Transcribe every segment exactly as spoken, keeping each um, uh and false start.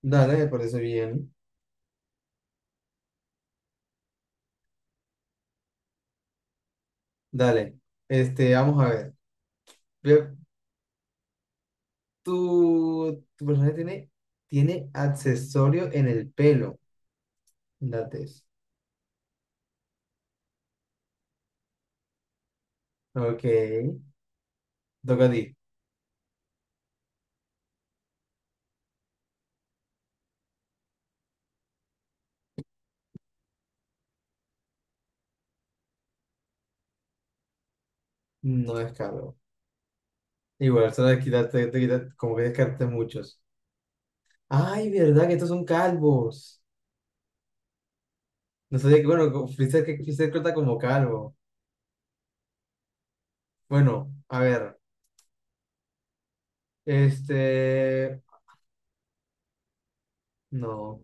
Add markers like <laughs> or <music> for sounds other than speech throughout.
Dale, me parece bien. Dale. Este, vamos a ver. Ve- Tu, tu personaje tiene, tiene accesorio en el pelo. Date eso. Ok. Toca a ti. No es calvo. Igual, solo te quitarte, te quita- como que descarte muchos. Ay, verdad que estos son calvos. No sabía que, bueno, co- Freezer, que Freezer cuenta como calvo. Bueno, a ver. Este. No.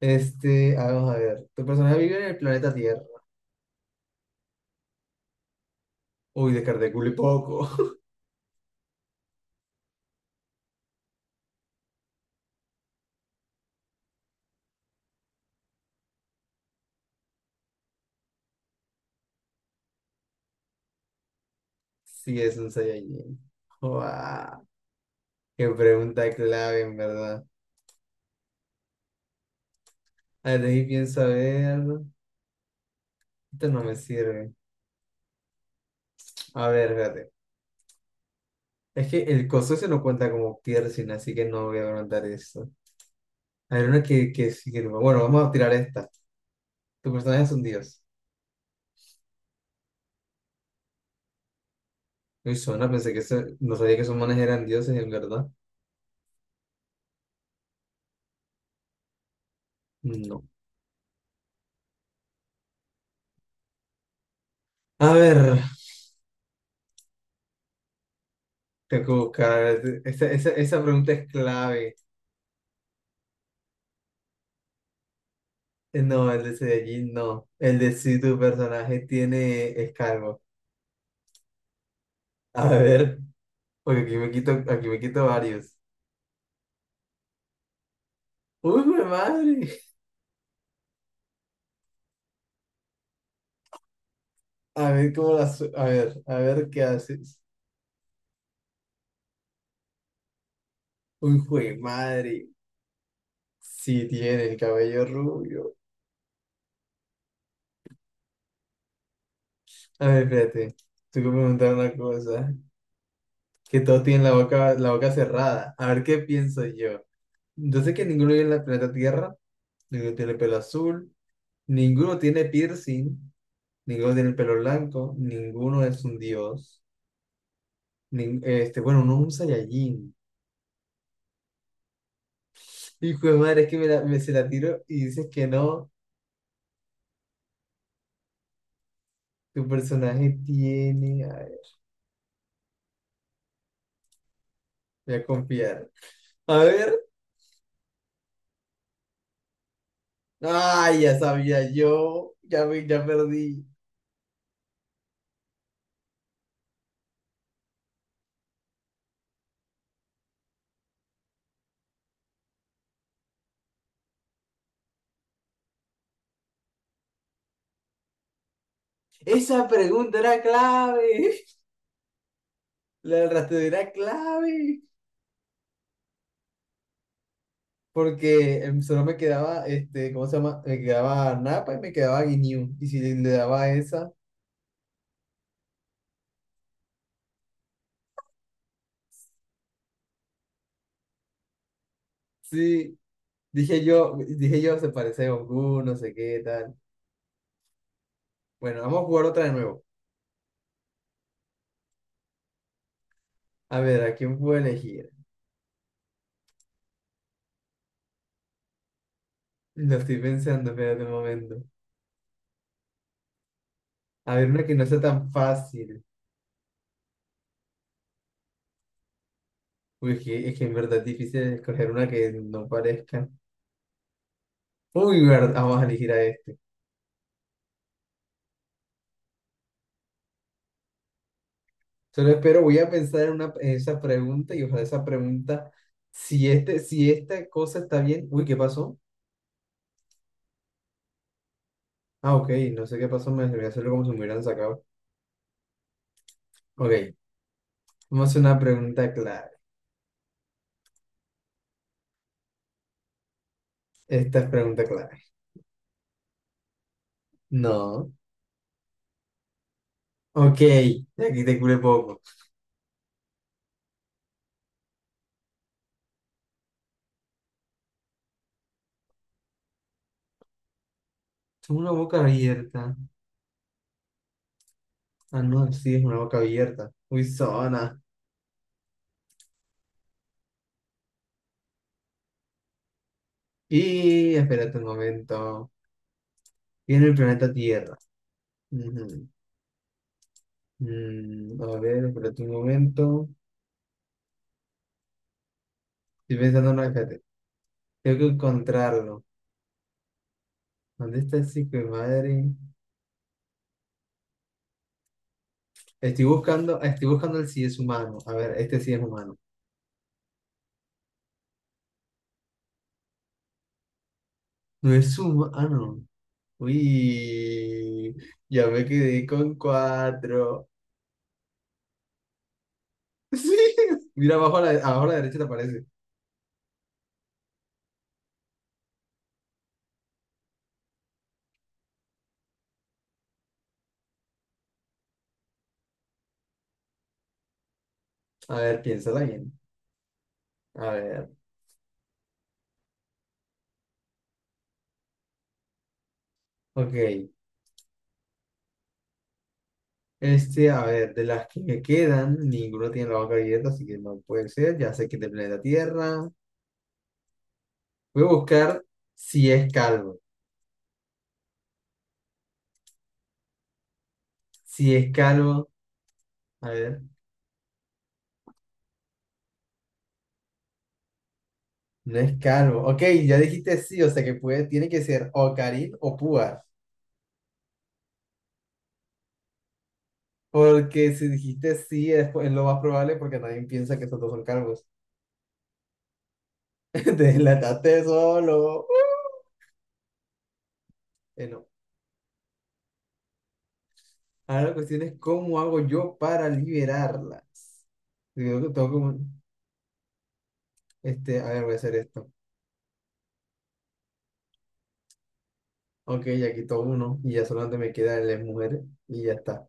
Este, vamos a ver. Tu personaje vive en el planeta Tierra. Uy, descarté culo y poco. <laughs> Sí, es un Saiyajin. ¡Guau! Qué pregunta clave, en verdad. A ver, de ahí pienso, a ver. Esto no me sirve. A ver, espérate. Es que el coso ese no cuenta como piercing, así que no voy a preguntar eso. A ver, una que, que, sí que no- bueno, vamos a tirar esta. Tu personaje es un dios. Uy, suena, pensé que eso- no sabía que esos manes eran dioses, en verdad. No. A ver, tengo que buscar. Esa, esa, esa pregunta es clave. No, el de Saiyajin no. El de si tu personaje tiene escargo. A ver, porque aquí me quito, aquí me quito varios. ¡Uy, jue madre! A ver cómo las. A ver, a ver qué haces. ¡Uy, jue madre! Si el cabello rubio. A ver, espérate. Tengo que preguntar una cosa. Que todos tienen la boca, la boca cerrada. A ver qué pienso yo. Yo sé que ninguno vive en la planeta Tierra. Ninguno tiene pelo azul. Ninguno tiene piercing. Ninguno tiene el pelo blanco. Ninguno es un dios. nin- este, bueno, no es un Saiyajin. Hijo de madre, es que me, la- me se la tiro y dices que no. Tu personaje tiene. a ver, voy a confiar. A ver. Ay, ya sabía yo. Ya, vi- ya perdí. Esa pregunta era clave. La del rastreo era clave. Porque em, solo me quedaba, este, ¿cómo se llama? Me quedaba Napa y me quedaba Guinyu. Y si le, le daba a esa, sí. Dije yo, dije yo, se parece a Goku, no sé qué tal. Bueno, vamos a jugar otra de nuevo. A ver, ¿a quién puedo elegir? Lo estoy pensando, espérate un momento. A ver, una que no sea tan fácil. Uy, es que, es que en verdad es difícil escoger una que no parezca. Uy, ver- vamos a elegir a este. Solo espero, voy a pensar en, una, en esa pregunta y ojalá esa pregunta, si, este, si esta cosa está bien. Uy, ¿qué pasó? Ah, ok, no sé qué pasó, me voy a hacerlo como si me hubieran sacado. Ok, vamos a hacer una pregunta clave. Esta es pregunta clave. No. Ok, aquí te cure poco. Tengo una boca abierta. Ah, no, sí, es una boca abierta. Muy zona. Y espérate un momento. Viene el planeta Tierra. Ujú. Mm, a ver, espérate un momento. Estoy pensando, no, espérate. Tengo que encontrarlo. ¿Dónde está el hijo de madre? Estoy buscando, ah, estoy buscando el si es humano. A ver, este sí es humano. No es humano. Uy, ya me quedé con cuatro. <laughs> Sí. Mira, abajo a la, abajo a la derecha te aparece. A ver, piénsala bien. A ver. Ok. Este, a ver, de las que me quedan, ninguna tiene la boca abierta, así que no puede ser. Ya sé que es del planeta Tierra. Voy a buscar si es calvo. Si es calvo, a ver, no es calvo. Ok, ya dijiste sí, o sea que puede, tiene que ser o Karim o Púas. Porque si dijiste sí, es, es lo más probable porque nadie piensa que esos dos son calvos. <laughs> Te Deslataste solo. Bueno, ahora la cuestión es cómo hago yo para liberarla. Yo Tengo que, tengo como- este, a ver, voy a hacer esto. Ok, ya quito uno y ya solamente me queda el de mujeres y ya está.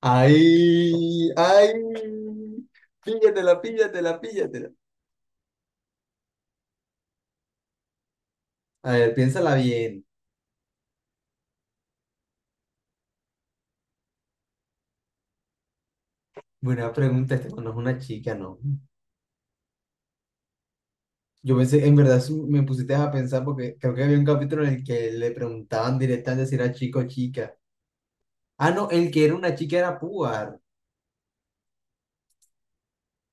¡Ay! ¡Ay! Píllatela, píllatela, píllatela. A ver, piénsala bien. Buena pregunta, este no es una chica, ¿no? Yo pensé, en verdad sí me pusiste a pensar porque creo que había un capítulo en el que le preguntaban directamente si era chico o chica. Ah, no, el que era una chica era Puar.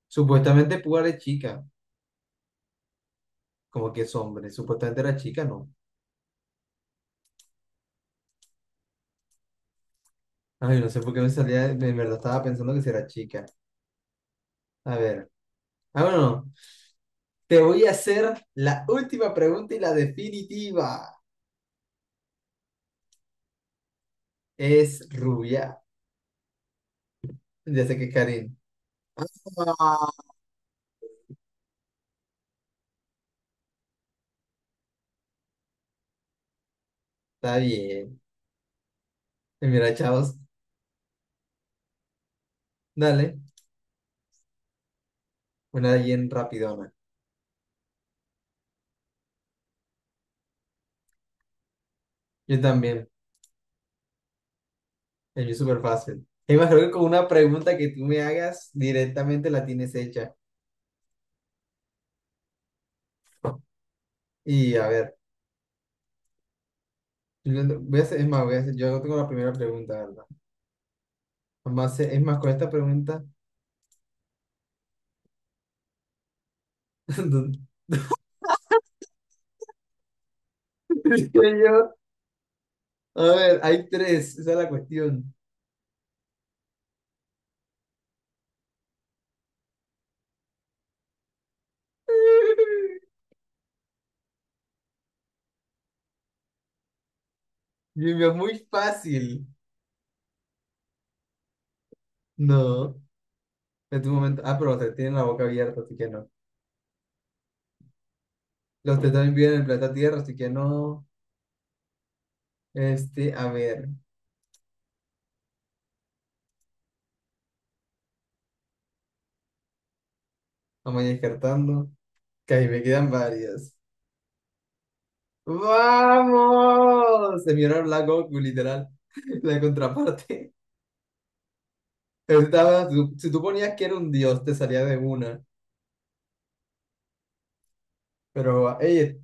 Supuestamente Puar es chica, como que es hombre. Supuestamente era chica, ¿no? Ay, no sé por qué me salía, en verdad estaba pensando que si era chica. A ver. Ah, bueno. Te voy a hacer la última pregunta y la definitiva. Es rubia. Ya sé que Karin. Ah, está bien. Y mira, chavos, dale. Una bien rapidona. Yo también. El mío es súper fácil. Imagino que con una pregunta que tú me hagas, directamente la tienes hecha. Y a ver, yo no- voy a hacer, es más, voy a hacer, yo no tengo la primera pregunta, ¿verdad? Además, eh, es más, con esta pregunta, <laughs> ¿dónde estoy yo? A ver, hay tres, esa es la cuestión. Jimmy, muy fácil. No, en tu momento. Ah, pero se tienen la boca abierta, así que no. Los tres también viven en el planeta Tierra, así que no. Este, a ver, vamos a ir descartando. Que ahí me quedan varias. ¡Vamos! Se miraron la Goku, literal. <laughs> La contraparte. Estaba, si tú- si tú ponías que era un dios, te salía de una. Pero, ey,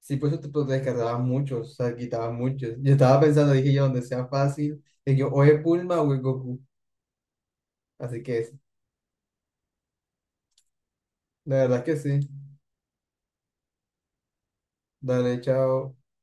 si pues te, pues, te descartabas muchos, o sea, quitabas muchos. Yo estaba pensando, dije yo, donde sea fácil, dije yo, o es Bulma o es Goku. Así que la verdad que sí. Dale, chao.